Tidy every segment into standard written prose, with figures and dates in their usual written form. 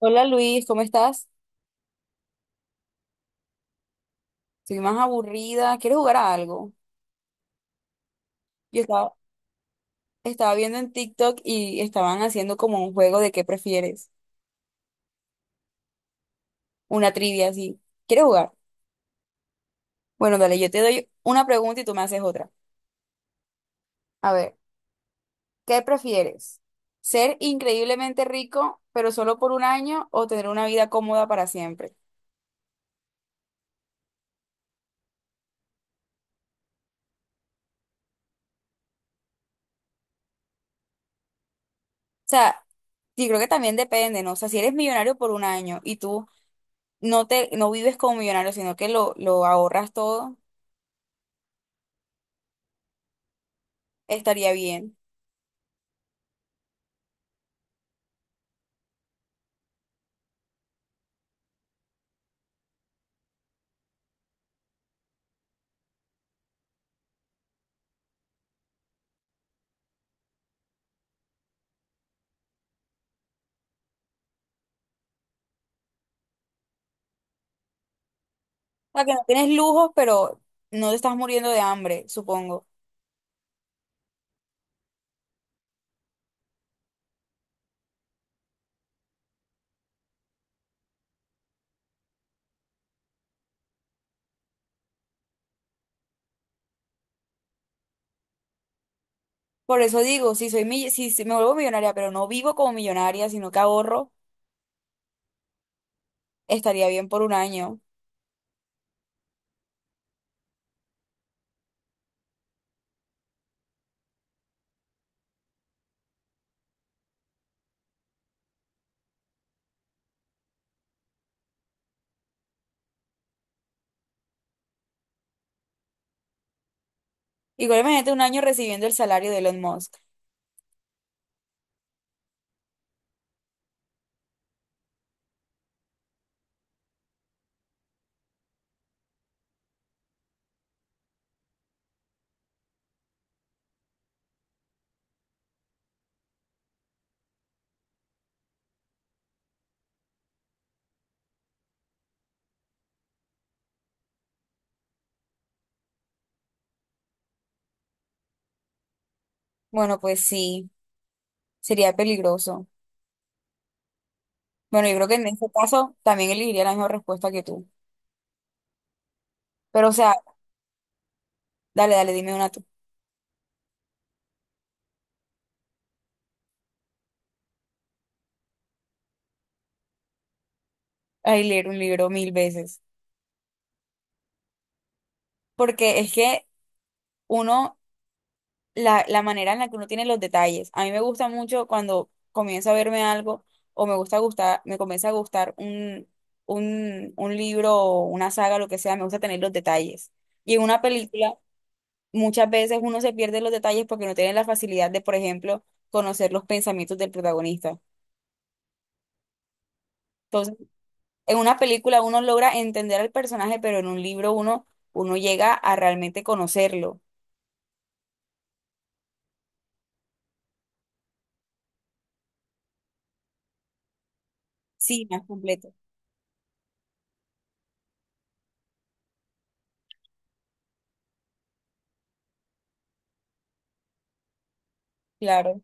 Hola Luis, ¿cómo estás? Soy más aburrida. ¿Quieres jugar a algo? Yo estaba viendo en TikTok y estaban haciendo como un juego de qué prefieres, una trivia así. ¿Quieres jugar? Bueno, dale, yo te doy una pregunta y tú me haces otra. A ver, ¿qué prefieres? ¿Ser increíblemente rico, pero solo por un año, o tener una vida cómoda para siempre? O sea, sí, creo que también depende, ¿no? O sea, si eres millonario por un año y tú no vives como millonario, sino que lo ahorras todo, estaría bien. O sea, que no tienes lujos, pero no te estás muriendo de hambre, supongo. Por eso digo, si soy mi- si si me vuelvo millonaria, pero no vivo como millonaria, sino que ahorro, estaría bien por un año. Igual imagínate un año recibiendo el salario de Elon Musk. Bueno, pues sí, sería peligroso. Bueno, yo creo que en este caso también elegiría la misma respuesta que tú. Pero, o sea, dale, dale, dime una tú. Ay, leer un libro mil veces. Porque es que uno la manera en la que uno tiene los detalles. A mí me gusta mucho cuando comienzo a verme algo o me gusta gustar, me comienza a gustar un libro o una saga, lo que sea, me gusta tener los detalles. Y en una película, muchas veces uno se pierde los detalles porque no tiene la facilidad de, por ejemplo, conocer los pensamientos del protagonista. Entonces, en una película uno logra entender al personaje, pero en un libro uno llega a realmente conocerlo. Sí, más completo. Claro.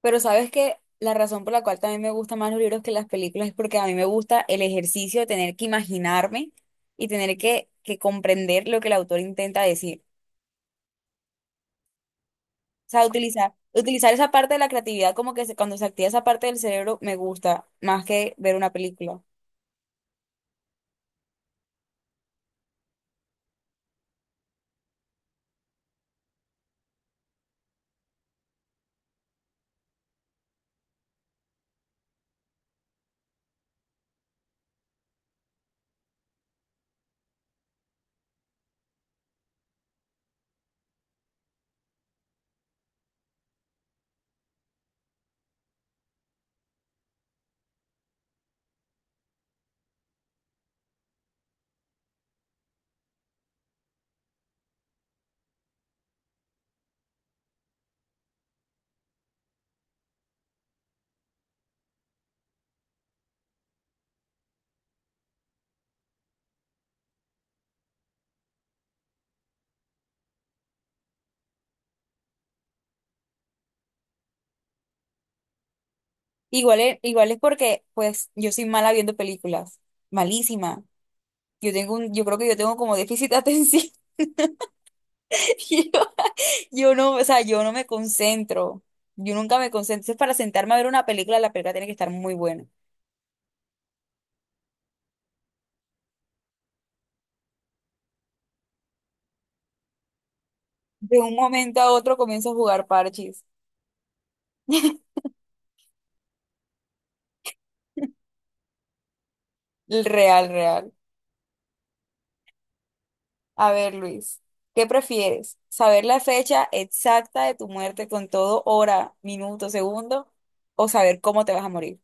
Pero sabes que la razón por la cual también me gustan más los libros que las películas es porque a mí me gusta el ejercicio de tener que imaginarme y tener que, comprender lo que el autor intenta decir. O sea, utilizar esa parte de la creatividad como que cuando se activa esa parte del cerebro me gusta más que ver una película. Igual es porque pues yo soy mala viendo películas, malísima. Yo tengo yo creo que yo tengo como déficit de atención. Yo no, o sea, yo no me concentro. Yo nunca me concentro. Entonces, para sentarme a ver una película, la película tiene que estar muy buena. De un momento a otro comienzo a jugar parches. El Real, real. A ver, Luis, ¿qué prefieres? ¿Saber la fecha exacta de tu muerte con todo hora, minuto, segundo? ¿O saber cómo te vas a morir?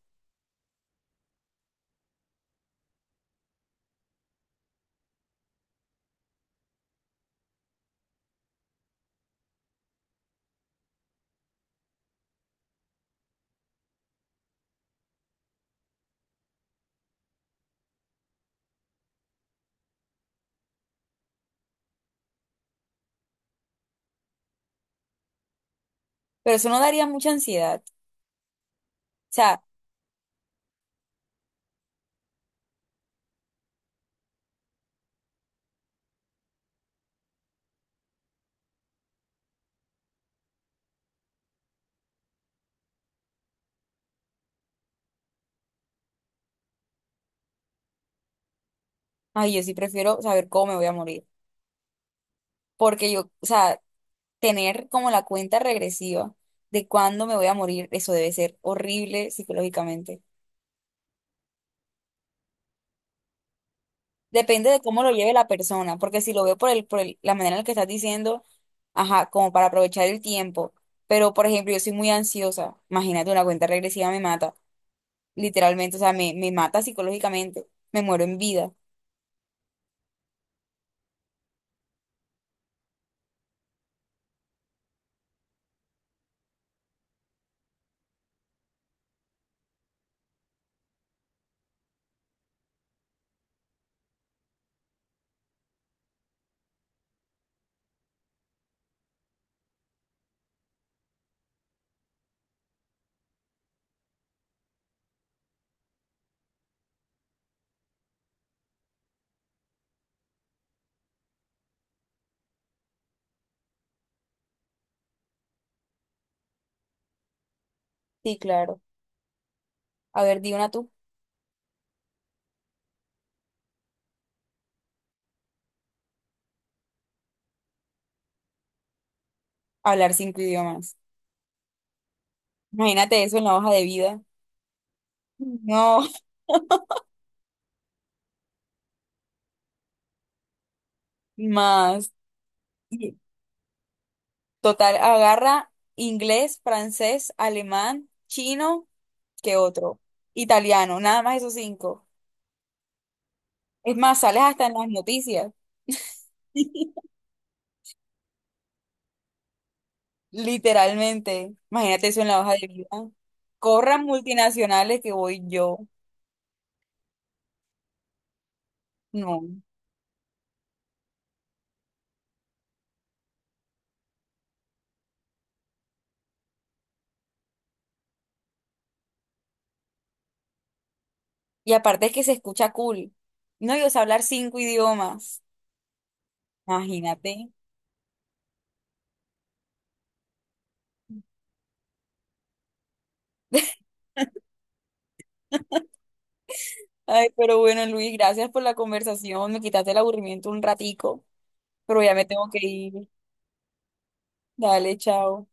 Pero eso no daría mucha ansiedad. O sea, ay, yo sí prefiero saber cómo me voy a morir. Porque yo, o sea, tener como la cuenta regresiva de cuándo me voy a morir, eso debe ser horrible psicológicamente. Depende de cómo lo lleve la persona, porque si lo veo por la manera en la que estás diciendo, ajá, como para aprovechar el tiempo. Pero, por ejemplo, yo soy muy ansiosa. Imagínate, una cuenta regresiva me mata, literalmente, o sea, me mata psicológicamente. Me muero en vida. Sí, claro. A ver, di una tú. Hablar cinco idiomas. Imagínate eso en la hoja de vida. No, más. Total, agarra inglés, francés, alemán, chino, ¿qué otro? Italiano, nada más esos cinco. Es más, sales hasta en las noticias. Literalmente. Imagínate eso en la hoja de vida. Corran multinacionales que voy yo. No. Y aparte es que se escucha cool. No, yo sé hablar cinco idiomas. Imagínate. Ay, pero bueno, Luis, gracias por la conversación. Me quitaste el aburrimiento un ratico, pero ya me tengo que ir. Dale, chao.